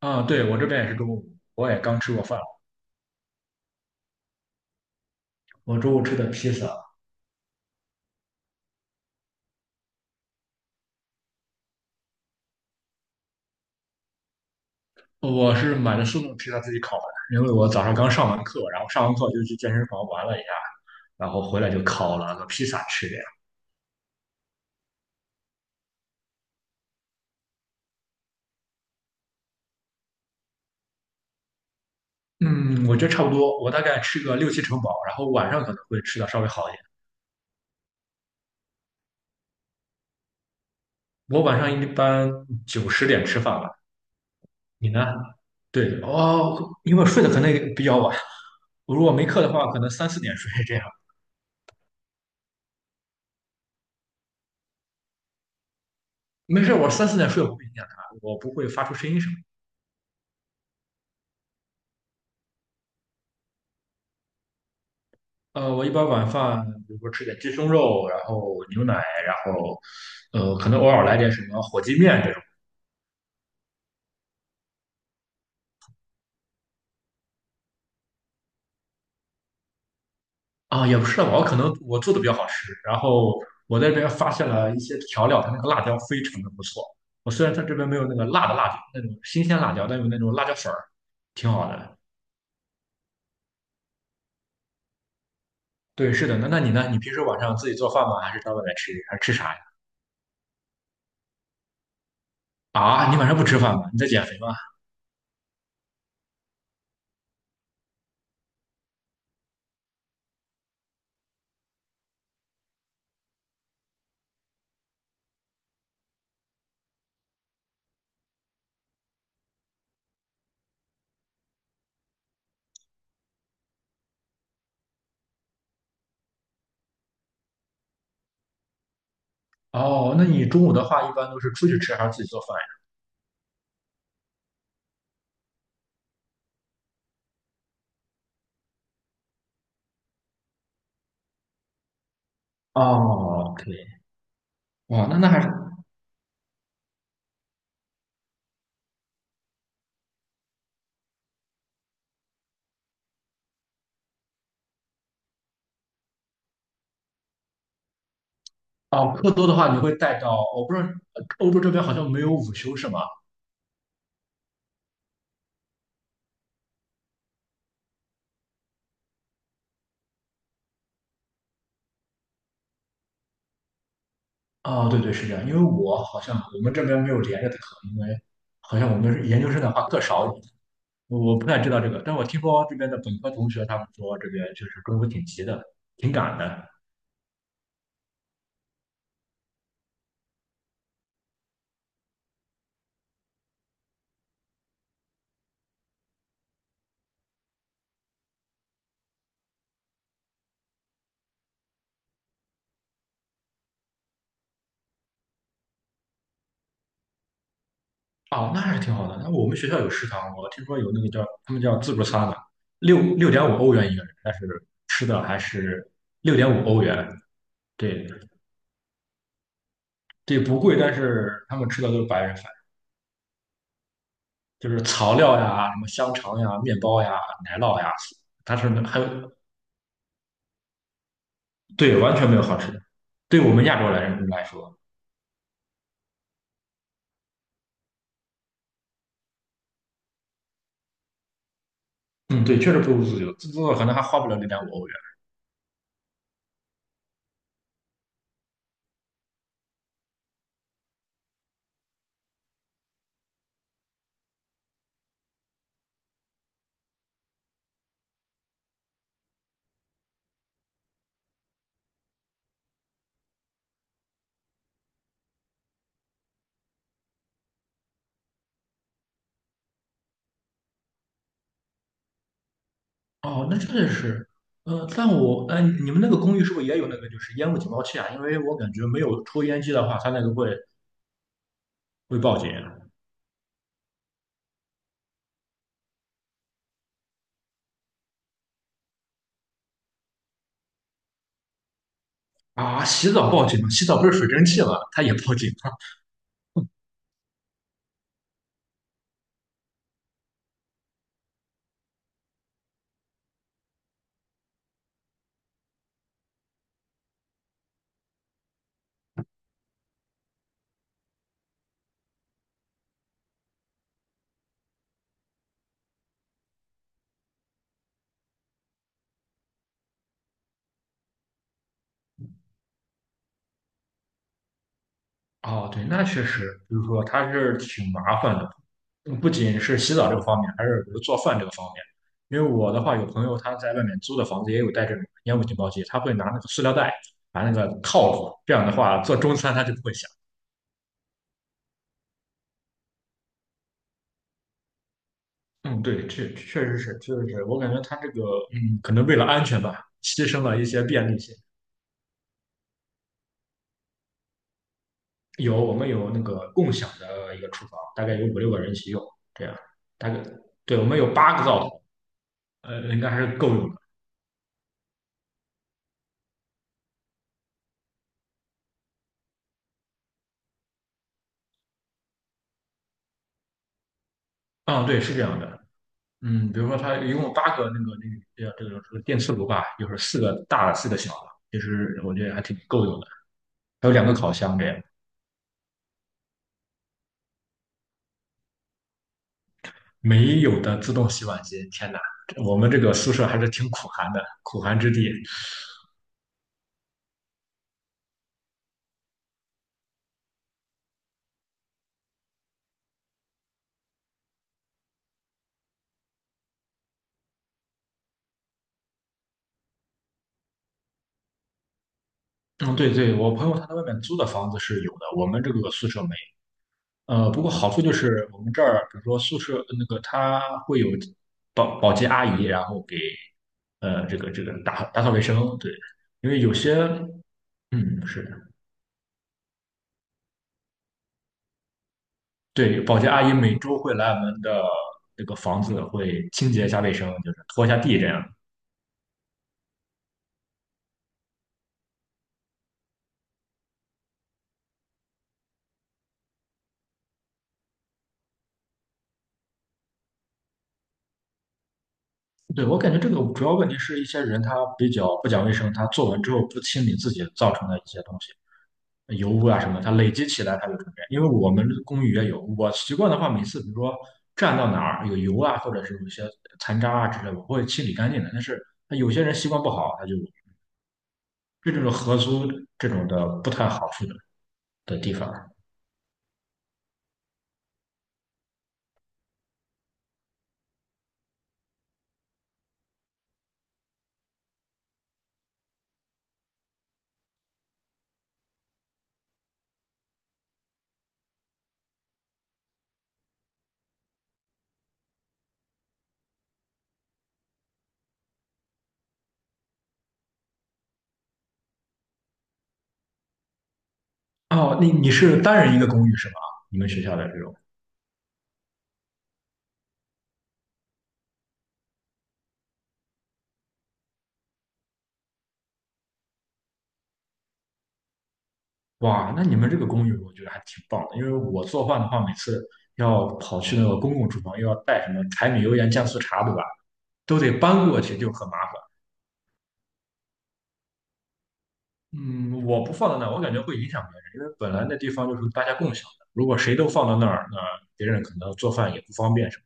啊，对，我这边也是中午，我也刚吃过饭，我中午吃的披萨，我是买的速冻披萨自己烤的，因为我早上刚上完课，然后上完课就去健身房玩了一下，然后回来就烤了个披萨吃这样。嗯，我觉得差不多，我大概吃个六七成饱，然后晚上可能会吃的稍微好一点。我晚上一般九十点吃饭吧，你呢？对，哦，因为睡得可能也比较晚，我如果没课的话，可能三四点睡这样。没事，我三四点睡我不影响他，我不会发出声音什么。我一般晚饭，比如说吃点鸡胸肉，然后牛奶，然后，可能偶尔来点什么火鸡面这种。啊，也不是吧，我可能我做的比较好吃。然后我在这边发现了一些调料，它那个辣椒非常的不错。我虽然它这边没有那个辣的辣椒，那种新鲜辣椒，但有那种辣椒粉儿，挺好的。对，是的。那你呢？你平时晚上自己做饭吗？还是到外面吃？还是吃啥呀？啊，你晚上不吃饭吗？你在减肥吗？哦，那你中午的话一般都是出去吃还是自己做饭呀？哦，可以。哇，那还是哦，课多的话，你会带到，我不知道欧洲这边好像没有午休是吗？啊，对对，是这样，因为我好像我们这边没有连着的课，因为好像我们是研究生的话课少一点，我不太知道这个，但我听说这边的本科同学他们说这边就是中午挺急的，挺赶的。哦，那还是挺好的。那我们学校有食堂，我听说有那个叫他们叫自助餐的，六点五欧元一个人，但是吃的还是六点五欧元，对，这不贵，但是他们吃的都是白人饭。就是草料呀、什么香肠呀、面包呀、奶酪呀，它是还有对，完全没有好吃的。对我们亚洲来人来说，嗯，对，确实不如自做可能还花不了0.5欧元。哦，那真的是，但我，你们那个公寓是不是也有那个就是烟雾警报器啊？因为我感觉没有抽烟机的话，它那个会报警啊。洗澡报警吗？洗澡不是水蒸气吗？它也报警。哦，对，那确实，就是说它是挺麻烦的，不仅是洗澡这个方面，还是比如做饭这个方面。因为我的话，有朋友他在外面租的房子也有带这种烟雾警报器，他会拿那个塑料袋把那个套住，这样的话做中餐他就不会响。嗯，对，这确实是，确实是，我感觉他这个，可能为了安全吧，牺牲了一些便利性。有，我们有那个共享的一个厨房，大概有五六个人一起用，这样，大概，对，我们有八个灶头，应该还是够用的。嗯，对，是这样的。嗯，比如说它一共有八个电磁炉吧，就是四个大的，四个小的，其实我觉得还挺够用的。还有两个烤箱这样，没有的自动洗碗机，天哪，我们这个宿舍还是挺苦寒的，苦寒之地。嗯，对对，我朋友他在外面租的房子是有的，我们这个宿舍没。不过好处就是我们这儿，比如说宿舍那个他会有保洁阿姨，然后给打扫卫生，对，因为有些嗯是。对，保洁阿姨每周会来我们的这个房子，会清洁一下卫生，就是拖一下地这样。对，我感觉这个主要问题是一些人他比较不讲卫生，他做完之后不清理自己造成的一些东西，油污啊什么，他累积起来他就成这样。因为我们公寓也有，我习惯的话，每次比如说站到哪儿有油啊，或者是有一些残渣啊之类的，我会清理干净的。但是他有些人习惯不好，他就这种合租这种的不太好处的地方。哦，你是单人一个公寓是吧？你们学校的这种，哇，那你们这个公寓我觉得还挺棒的，因为我做饭的话，每次要跑去那个公共厨房，又要带什么柴米油盐酱醋茶，对吧？都得搬过去，就很麻烦。嗯，我不放在那儿，我感觉会影响别人，因为本来那地方就是大家共享的，如果谁都放到那儿，那别人可能做饭也不方便什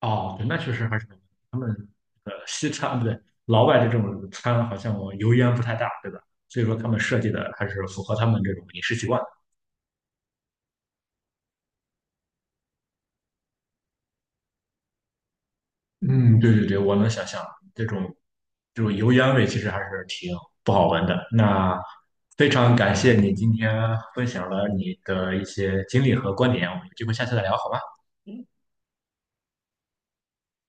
么。哦，对，那确实还是他们西餐不对，老外的这种餐好像油烟不太大，对吧？所以说他们设计的还是符合他们这种饮食习惯。嗯，对对对，我能想象这种这种油烟味其实还是挺不好闻的。那非常感谢你今天分享了你的一些经历和观点，我们有机会下次再聊，好吧？